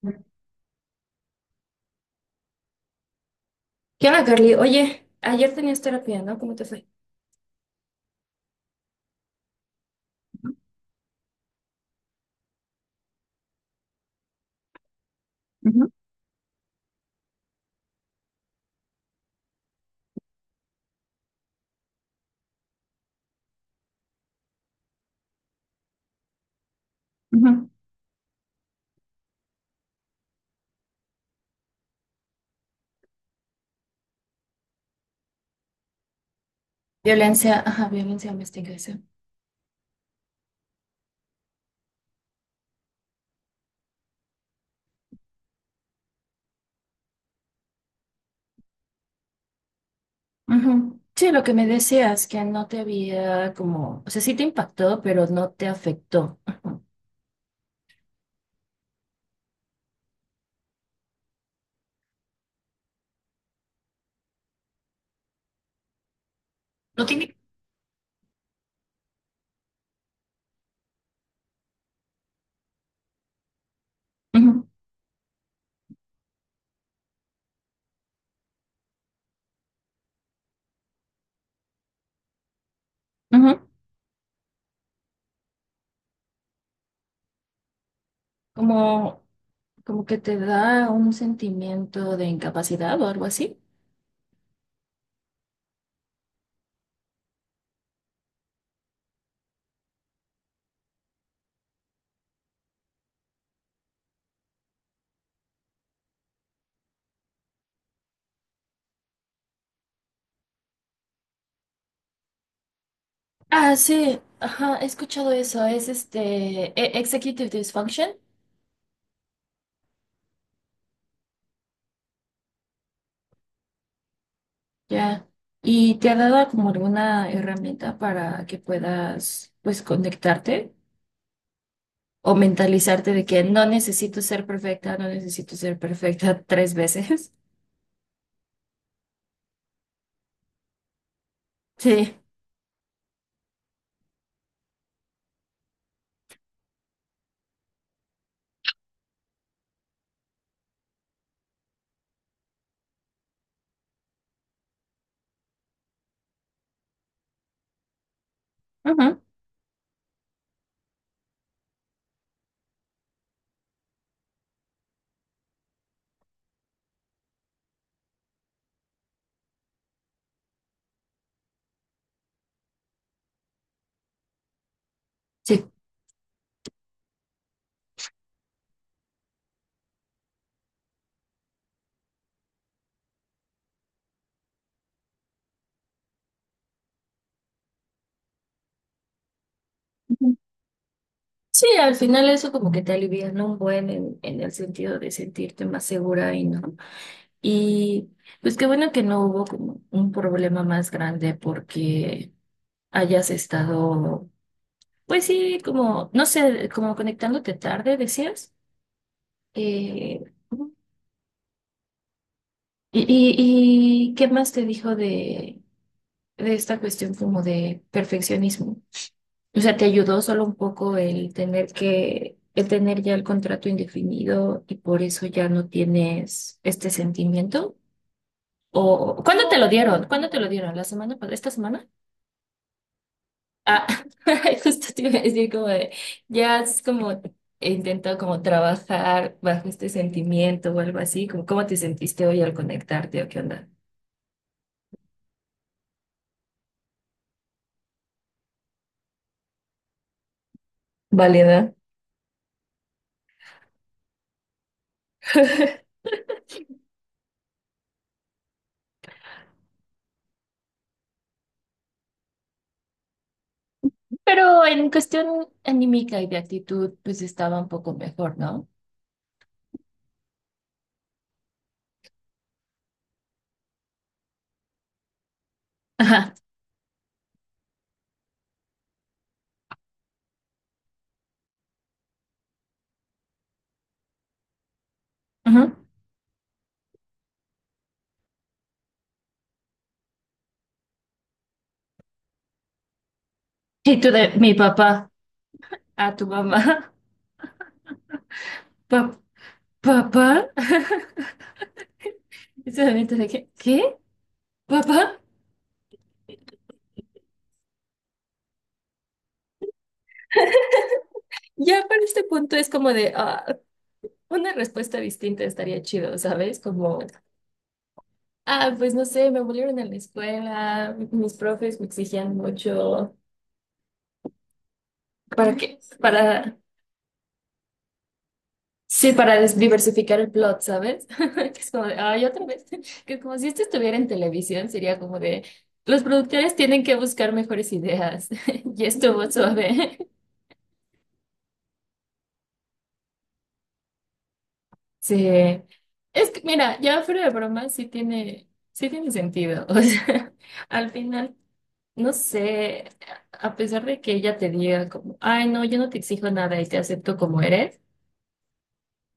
¿Qué onda, Carly? Oye, ayer tenías terapia, ¿no? ¿Cómo te fue? Ujú, ujú. Violencia, ajá, violencia doméstica, ese. Ujú. Sí, lo que me decías, que no te había como, o sea, sí te impactó, pero no te afectó. Ujú. No tiene. Ujú, ujú. Como, como que te da un sentimiento de incapacidad o algo así. Ah, sí, ajá, he escuchado eso, es este Executive Dysfunction, ya. Y te ha dado como alguna herramienta para que puedas, pues, conectarte, o mentalizarte de que no necesito ser perfecta, no necesito ser perfecta tres veces. Sí, ujú. Sí. Ujú. Sí, al final eso como que te alivia, ¿no? Un buen en el sentido de sentirte más segura y no. Y pues qué bueno que no hubo como un problema más grande porque hayas estado, pues sí, como, no sé, como conectándote tarde, decías. Eh, ujú. y, ¿Y qué más te dijo de esta cuestión como de perfeccionismo? O sea, ¿te ayudó solo un poco el tener que, el tener ya el contrato indefinido y por eso ya no tienes este sentimiento? ¿O cuándo te lo dieron? ¿Cuándo te lo dieron? ¿La semana ¿Esta semana? Ah, justo te iba a decir como de, ya es como he intentado como trabajar bajo este sentimiento o algo así, como cómo te sentiste hoy al conectarte o qué onda. Válida. Pero en cuestión anímica y de actitud, pues estaba un poco mejor, ¿no? Ajá. Ujú. Y tú de mi papá a tu mamá. Pa- ¿Papá? Y ese momento de que, ¿qué? ¿Papá? Ya para este punto es como de, ah, una respuesta distinta estaría chido, ¿sabes? Como, ah, pues no sé, me volvieron a la escuela, mis profes me exigían mucho. ¿Para qué? Para... Sí, para diversificar el plot, ¿sabes? Que es como de, ay, otra vez. Que como si esto estuviera en televisión, sería como de, los productores tienen que buscar mejores ideas. Y estuvo suave. Sí. Es que, mira, ya fuera de broma, sí tiene sentido. O sea, al final, no sé, a pesar de que ella te diga como, ay, no, yo no te exijo nada y te acepto como eres.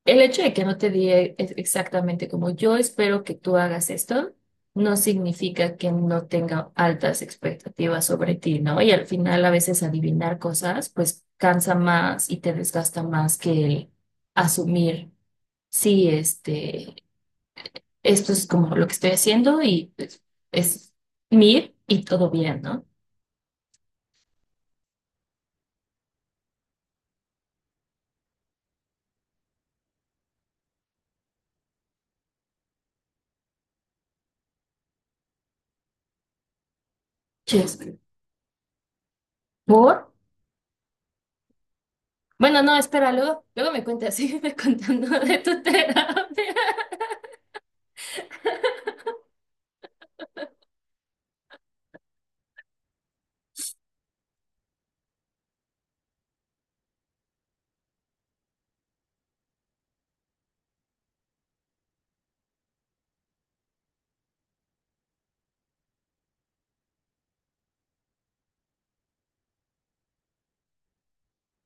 El hecho de que no te diga exactamente como yo espero que tú hagas esto, no significa que no tenga altas expectativas sobre ti, ¿no? Y al final a veces adivinar cosas, pues cansa más y te desgasta más que el asumir, sí, este, esto es como lo que estoy haciendo y pues, es mir y todo bien, ¿no? Chévere. ¿Por? Bueno, no, espera, luego me cuentas, sígueme contando de tu terapia.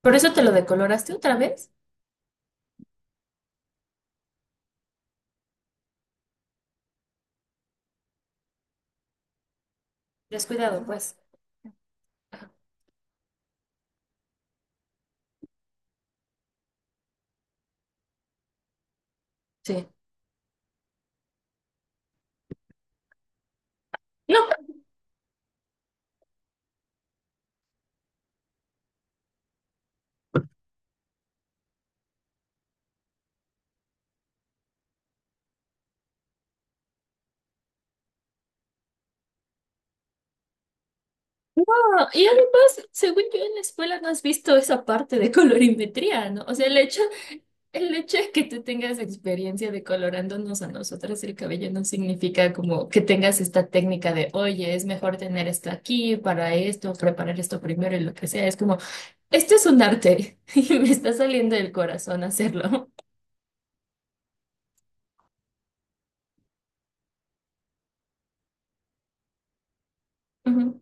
¿Por eso te lo decoloraste otra vez? Descuidado, pues. Sí. No, y además, según yo en la escuela no has visto esa parte de colorimetría, ¿no? O sea, el hecho. El hecho de que tú tengas experiencia de colorándonos a nosotras el cabello no significa como que tengas esta técnica de, oye, es mejor tener esto aquí para esto, preparar esto primero y lo que sea. Es como, esto es un arte y me está saliendo del corazón hacerlo. Ujú,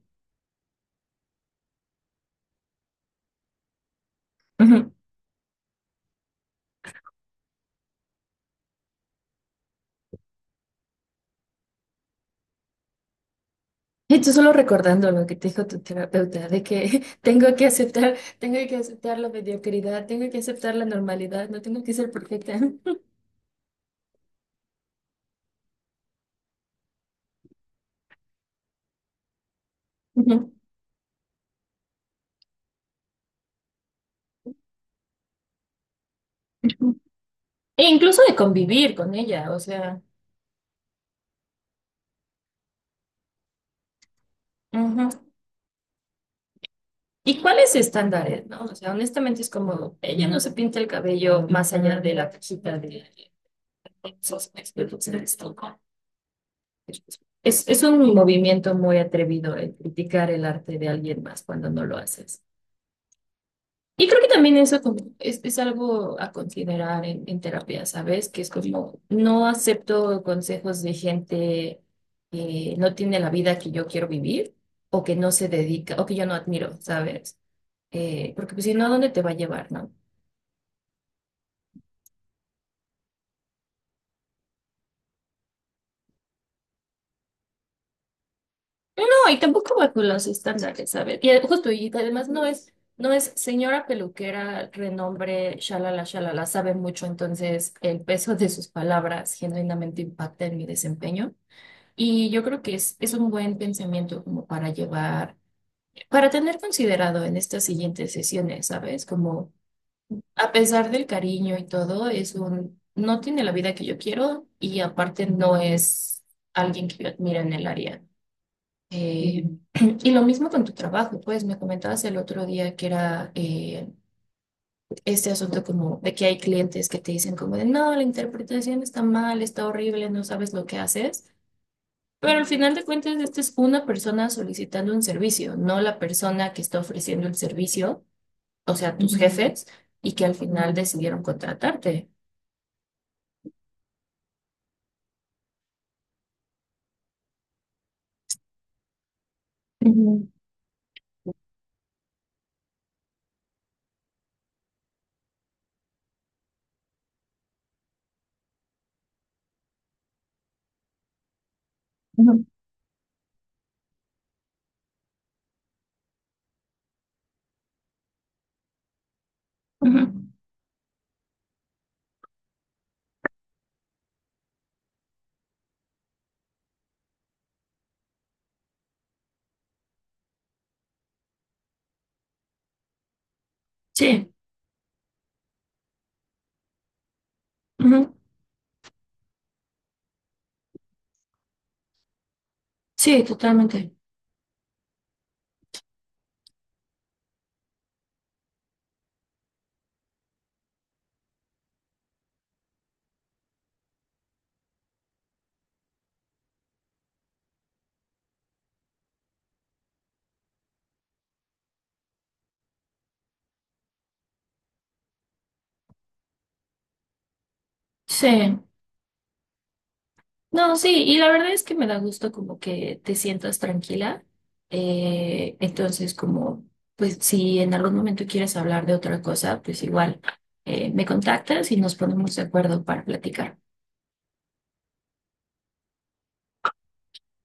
ujú. Y tú solo recordando lo que te dijo tu terapeuta, de que tengo que aceptar la mediocridad, tengo que aceptar la normalidad, no tengo que ser perfecta. Ujú, ujú. E incluso de convivir con ella, o sea. Ujú. ¿Y cuáles estándares, no? O sea, honestamente es como, ella no se pinta el cabello más allá de la cajita de esos expertos en esto. Es un movimiento muy atrevido el criticar el arte de alguien más cuando no lo haces. Y creo que también eso como es algo a considerar en terapia, ¿sabes? Que es como, no acepto consejos de gente que no tiene la vida que yo quiero vivir o que no se dedica o que yo no admiro, ¿sabes? Porque pues, si no, ¿a dónde te va a llevar, no? No, no, y tampoco bajo los estándares, ¿sabes? Y justo, y además no es señora peluquera, renombre, shalala, shalala, sabe mucho, entonces el peso de sus palabras genuinamente impacta en mi desempeño. Y yo creo que es un buen pensamiento como para llevar, para tener considerado en estas siguientes sesiones, ¿sabes? Como a pesar del cariño y todo, es un, no tiene la vida que yo quiero y aparte no es alguien que yo admiro en el área. Eh, y lo mismo con tu trabajo, pues me comentabas el otro día que era este asunto como de que hay clientes que te dicen como de no, la interpretación está mal, está horrible, no sabes lo que haces, pero al final de cuentas esta es una persona solicitando un servicio, no la persona que está ofreciendo el servicio, o sea, tus Ujú. Jefes, y que al final decidieron contratarte. Ujú, ujú. Ujú. Sí, ujú. Sí, totalmente. Sí. No, sí, y la verdad es que me da gusto como que te sientas tranquila. Entonces, como, pues si en algún momento quieres hablar de otra cosa, pues igual me contactas y nos ponemos de acuerdo para platicar.